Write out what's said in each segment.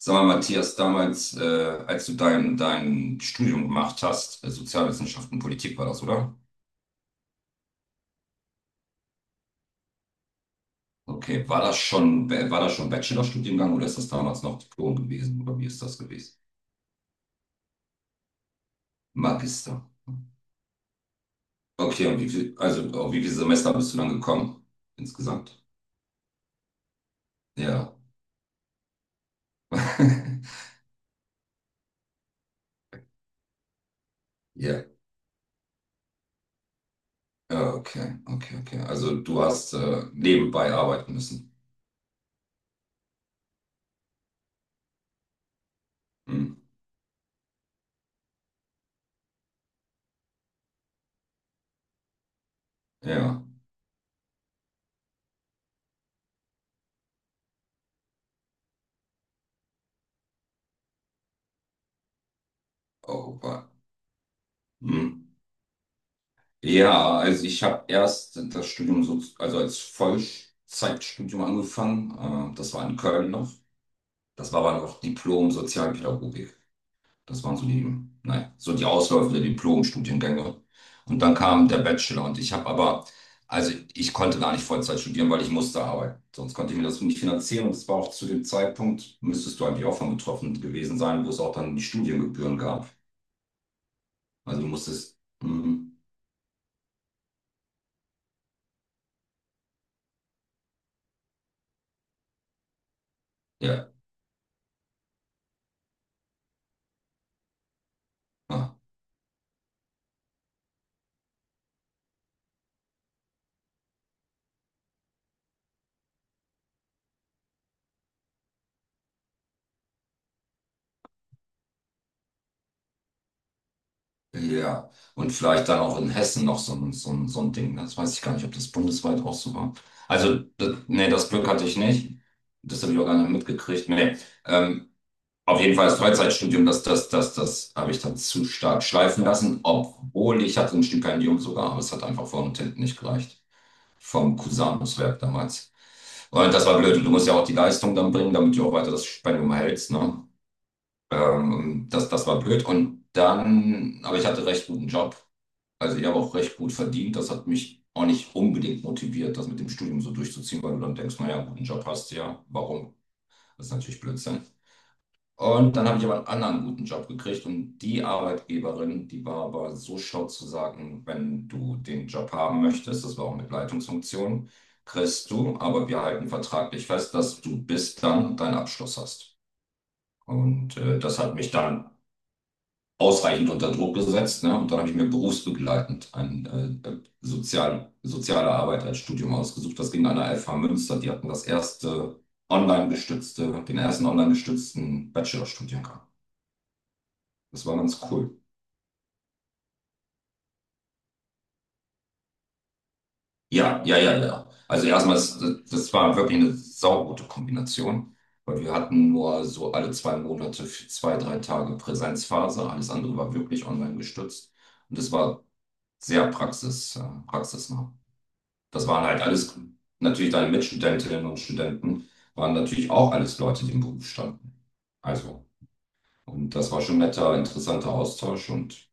Sag mal, Matthias, damals, als du dein Studium gemacht hast, Sozialwissenschaften und Politik war das, oder? Okay, war das schon Bachelorstudiengang oder ist das damals noch Diplom gewesen? Oder wie ist das gewesen? Magister. Okay, und wie viel, also auf wie viele Semester bist du dann gekommen? Insgesamt. Ja. Ja. Ja, okay, okay, okay. Also du hast nebenbei arbeiten müssen. Hm. Ja. Oh, wa- hm. Ja, also ich habe erst das Studium so, also als Vollzeitstudium angefangen. Das war in Köln noch. Das war aber noch Diplom Sozialpädagogik. Das waren so die, naja, so die Ausläufe der Diplom-Studiengänge. Und dann kam der Bachelor und ich habe aber, also ich konnte gar nicht Vollzeit studieren, weil ich musste arbeiten. Sonst konnte ich mir das so nicht finanzieren und es war auch zu dem Zeitpunkt, müsstest du eigentlich auch von betroffen gewesen sein, wo es auch dann die Studiengebühren gab. Also du musstest, mm, ja. Ah, ja, und vielleicht dann auch in Hessen noch so ein, so ein, so ein Ding. Das weiß ich gar nicht, ob das bundesweit auch so war. Also, das, nee, das Glück hatte ich nicht. Das habe ich auch gar nicht mitgekriegt. Nee. Ähm, auf jeden Fall das Freizeitstudium, das habe ich dann zu stark schleifen lassen, obwohl ich hatte ein Stipendium sogar, aber es hat einfach vorne und hinten nicht gereicht. Vom Cusanus-Werk damals. Und das war blöd. Und du musst ja auch die Leistung dann bringen, damit du auch weiter das Stipendium erhältst, ne? Das, das war blöd. Und dann, aber ich hatte recht guten Job. Also ich habe auch recht gut verdient. Das hat mich auch nicht unbedingt motiviert, das mit dem Studium so durchzuziehen, weil du dann denkst, naja, einen guten Job hast du ja. Warum? Das ist natürlich Blödsinn. Und dann habe ich aber einen anderen guten Job gekriegt und die Arbeitgeberin, die war aber so schlau zu sagen, wenn du den Job haben möchtest, das war auch mit Leitungsfunktion, kriegst du, aber wir halten vertraglich fest, dass du bis dann deinen Abschluss hast. Und das hat mich dann ausreichend unter Druck gesetzt. Ne? Und dann habe ich mir berufsbegleitend ein soziale Arbeit als Studium ausgesucht. Das ging an der FH Münster. Die hatten das erste online gestützte, den ersten online gestützten Bachelorstudiengang. Das war ganz cool. Ja, ja, ja, ja. Also erstmal, das, das war wirklich eine saugute Kombination, weil wir hatten nur so alle 2 Monate, für zwei, drei Tage Präsenzphase. Alles andere war wirklich online gestützt. Und das war sehr praxisnah. Das waren halt alles natürlich deine Mitstudentinnen und Studenten, waren natürlich auch alles Leute, die im Beruf standen. Also, und das war schon netter, interessanter Austausch. Und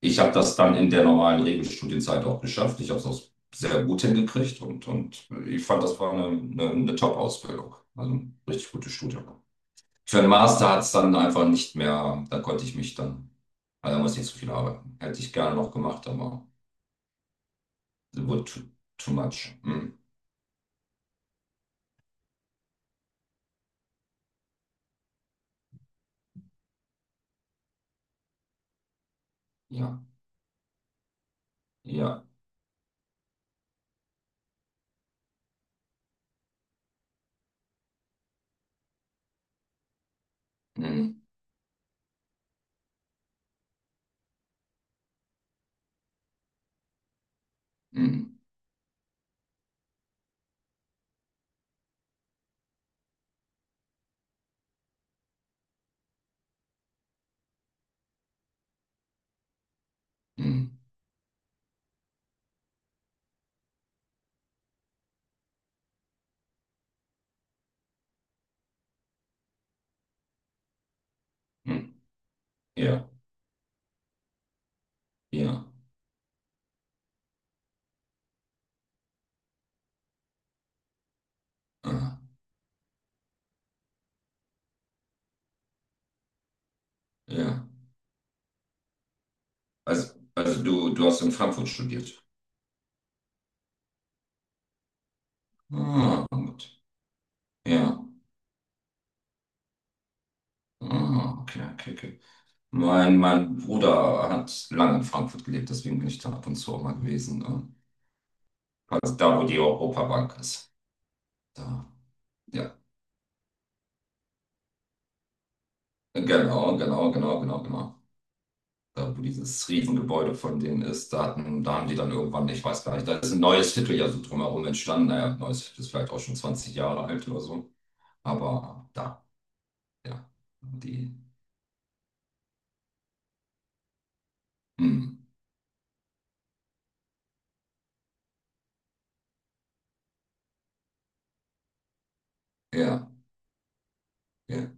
ich habe das dann in der normalen Regelstudienzeit auch geschafft. Ich habe es auch sehr gut hingekriegt und ich fand, das war eine Top-Ausbildung. Also ein richtig gutes Studium. Für den Master hat es dann einfach nicht mehr, da konnte ich mich dann, also da musste ich nicht so viel arbeiten. Hätte ich gerne noch gemacht, aber it wurde too, too much. Mm, ja, ja. Mm. Mhm. Mhm. Mhm. Ja, ja, ah, ja. Also du, du hast in Frankfurt studiert. Ah, gut. Ja. Ah, okay, okay, okay. Mein Bruder hat lange in Frankfurt gelebt, deswegen bin ich da ab und zu auch mal gewesen. Also da, wo die Europabank ist. Da, ja. Genau, genau, genau, genau, genau. Da, wo dieses Riesengebäude von denen ist, da hatten, da haben die dann irgendwann, ich weiß gar nicht, da ist ein neues Viertel ja so drumherum entstanden. Naja, ein neues Viertel ist vielleicht auch schon 20 Jahre alt oder so. Aber da, ja, die, mm, ja, ja,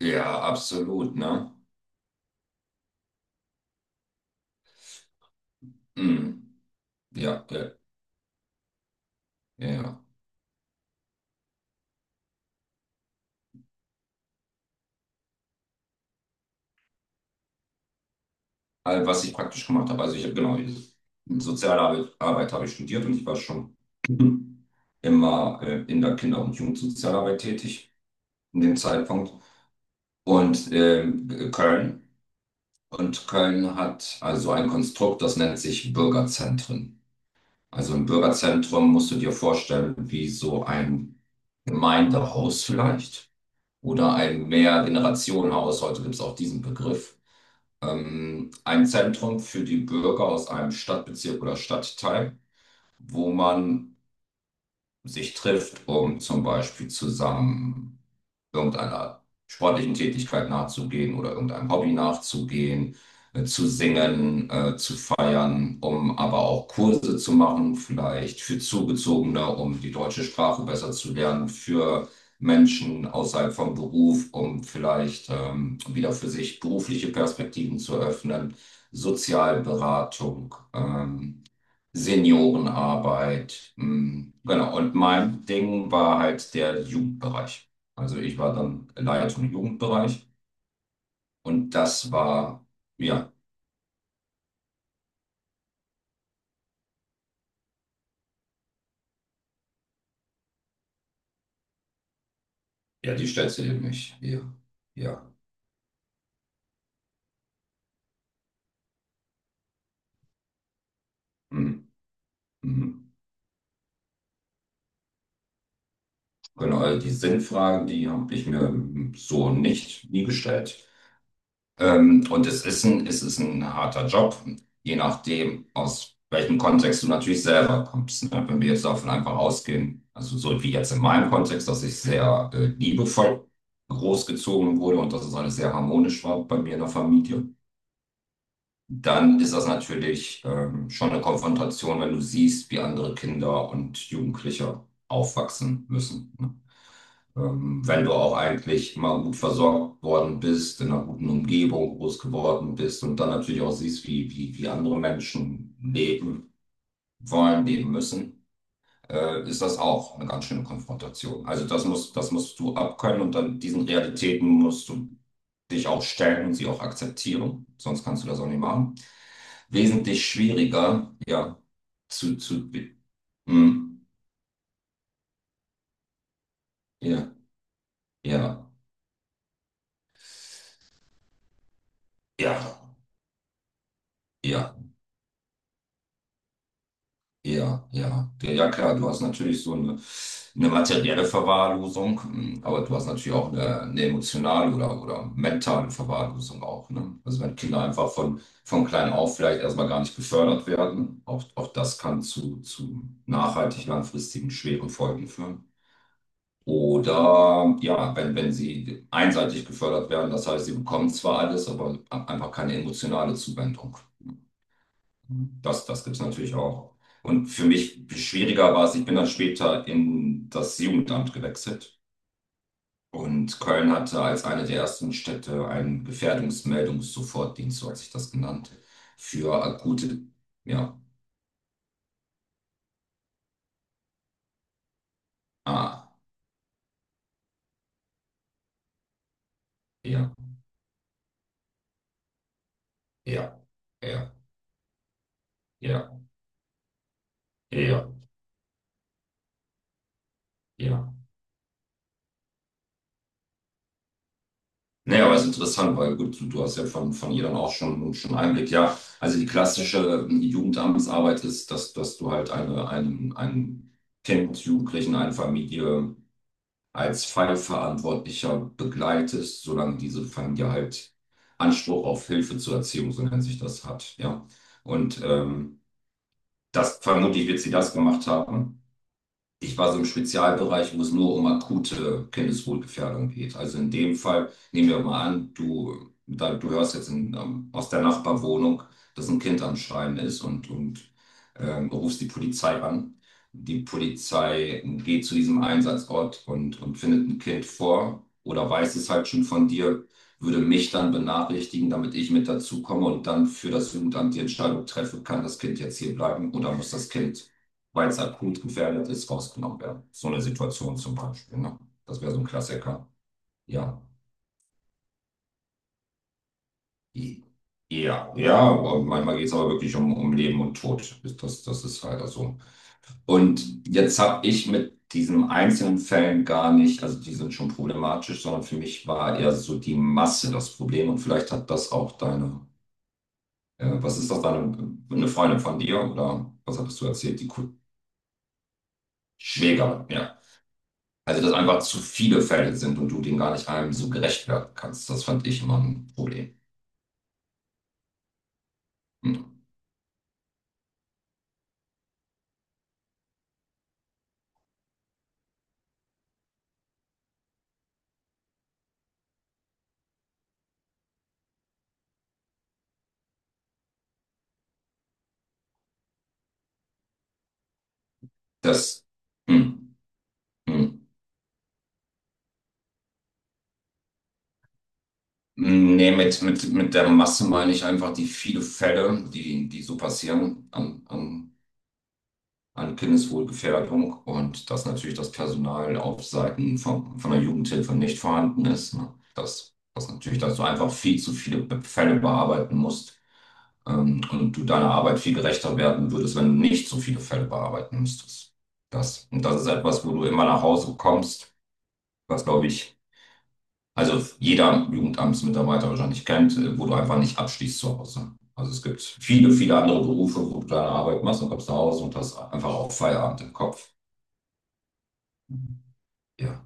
ja, absolut, ne? Mm, ja, ja, ja. Ja. All, was ich praktisch gemacht habe, also ich habe genau, Sozialarbeit Arbeit habe ich studiert und ich war schon immer in der Kinder- und Jugendsozialarbeit tätig, in dem Zeitpunkt. Und ähm, Köln. Und Köln hat also ein Konstrukt, das nennt sich Bürgerzentren. Also im Bürgerzentrum musst du dir vorstellen, wie so ein Gemeindehaus vielleicht oder ein Mehrgenerationenhaus, heute gibt es auch diesen Begriff, ein Zentrum für die Bürger aus einem Stadtbezirk oder Stadtteil, wo man sich trifft, um zum Beispiel zusammen irgendeiner sportlichen Tätigkeit nachzugehen oder irgendeinem Hobby nachzugehen, zu singen, zu feiern, um aber auch Kurse zu machen, vielleicht für Zugezogene, um die deutsche Sprache besser zu lernen, für Menschen außerhalb vom Beruf, um vielleicht wieder für sich berufliche Perspektiven zu öffnen, Sozialberatung. Seniorenarbeit. Mm, genau. Und mein Ding war halt der Jugendbereich. Also ich war dann Leitung im Jugendbereich und das war, ja, ja, die stellst du dir nicht. Ja, ja. Mm, mm. Genau, also die Sinnfragen, die habe ich mir mm, so nicht nie gestellt. Und es ist ein harter Job, je nachdem, aus welchem Kontext du natürlich selber kommst. Ne? Wenn wir jetzt davon einfach ausgehen, also so wie jetzt in meinem Kontext, dass ich sehr liebevoll großgezogen wurde und dass es alles sehr harmonisch war bei mir in der Familie, dann ist das natürlich schon eine Konfrontation, wenn du siehst, wie andere Kinder und Jugendliche aufwachsen müssen. Ne? Wenn du auch eigentlich immer gut versorgt worden bist, in einer guten Umgebung groß geworden bist und dann natürlich auch siehst, wie andere Menschen leben wollen, leben müssen, ist das auch eine ganz schöne Konfrontation. Also das musst du abkönnen und dann diesen Realitäten musst du dich auch stellen und sie auch akzeptieren. Sonst kannst du das auch nicht machen. Wesentlich schwieriger, ja, zu, zu, hm, ja, ja, ja, ja. Ja, ja, ja, ja, klar, du hast natürlich so eine materielle Verwahrlosung, mm, aber du hast natürlich auch eine emotionale oder mentale Verwahrlosung auch, ne? Also wenn Kinder einfach von klein auf vielleicht erstmal gar nicht gefördert werden, auch, auch das kann zu nachhaltig langfristigen schweren Folgen führen. Oder ja, wenn sie einseitig gefördert werden, das heißt, sie bekommen zwar alles, aber einfach keine emotionale Zuwendung. Das, das gibt es natürlich auch. Und für mich schwieriger war es, ich bin dann später in das Jugendamt gewechselt. Und Köln hatte als eine der ersten Städte einen Gefährdungsmeldungs-Sofortdienst, so hat sich das genannt, für akute, ja, ah, ja, ja, ja, ja, ja, ja, ja. Naja, aber es ist interessant, weil gut, du hast ja von ihr dann auch schon Einblick. Ja, also die klassische Jugendamtsarbeit ist, dass, dass du halt einen Kind, Jugendlichen, eine Familie als Fallverantwortlicher begleitest, solange diese Familie halt Anspruch auf Hilfe zur Erziehung, so nennt sich das, hat. Ja, und ähm, das vermutlich wird sie das gemacht haben. Ich war so im Spezialbereich, wo es nur um akute Kindeswohlgefährdung geht. Also in dem Fall nehmen wir mal an, du, da, du hörst jetzt in, aus der Nachbarwohnung, dass ein Kind am Schreien ist und rufst die Polizei an. Die Polizei geht zu diesem Einsatzort und findet ein Kind vor oder weiß es halt schon von dir, würde mich dann benachrichtigen, damit ich mit dazu komme und dann für das Jugendamt die Entscheidung treffe, kann das Kind jetzt hier bleiben oder muss das Kind weil es akut gefährdet ist, rausgenommen werden. So eine Situation zum Beispiel. Ne? Das wäre so ein Klassiker. Ja. I- Ja, ja, aber manchmal geht es aber wirklich um, um Leben und Tod. Das, das ist leider so. Und jetzt habe ich mit diesen einzelnen Fällen gar nicht, also die sind schon problematisch, sondern für mich war eher so die Masse das Problem. Und vielleicht hat das auch deine, was ist das, deine, eine Freundin von dir oder was hattest du erzählt? Schwägerin, ja, also, dass einfach zu viele Fälle sind und du denen gar nicht einem so gerecht werden kannst, das fand ich immer ein Problem. Hm. Das, hm, hm. Nee, mit der Masse meine ich einfach die viele Fälle, die, die so passieren an Kindeswohlgefährdung und dass natürlich das Personal auf Seiten von der Jugendhilfe nicht vorhanden ist. Ne? Dass, dass natürlich, dass du einfach viel zu viele Fälle bearbeiten musst und du deiner Arbeit viel gerechter werden würdest, wenn du nicht so viele Fälle bearbeiten müsstest. Das, und das ist etwas, wo du immer nach Hause kommst, was, glaube ich, also jeder Jugendamtsmitarbeiter wahrscheinlich kennt, wo du einfach nicht abschließt zu Hause. Also es gibt viele, viele andere Berufe, wo du deine Arbeit machst und kommst nach Hause und hast einfach auch Feierabend im Kopf. Ja,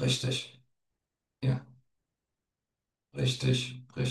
richtig. Ja, richtig, richtig.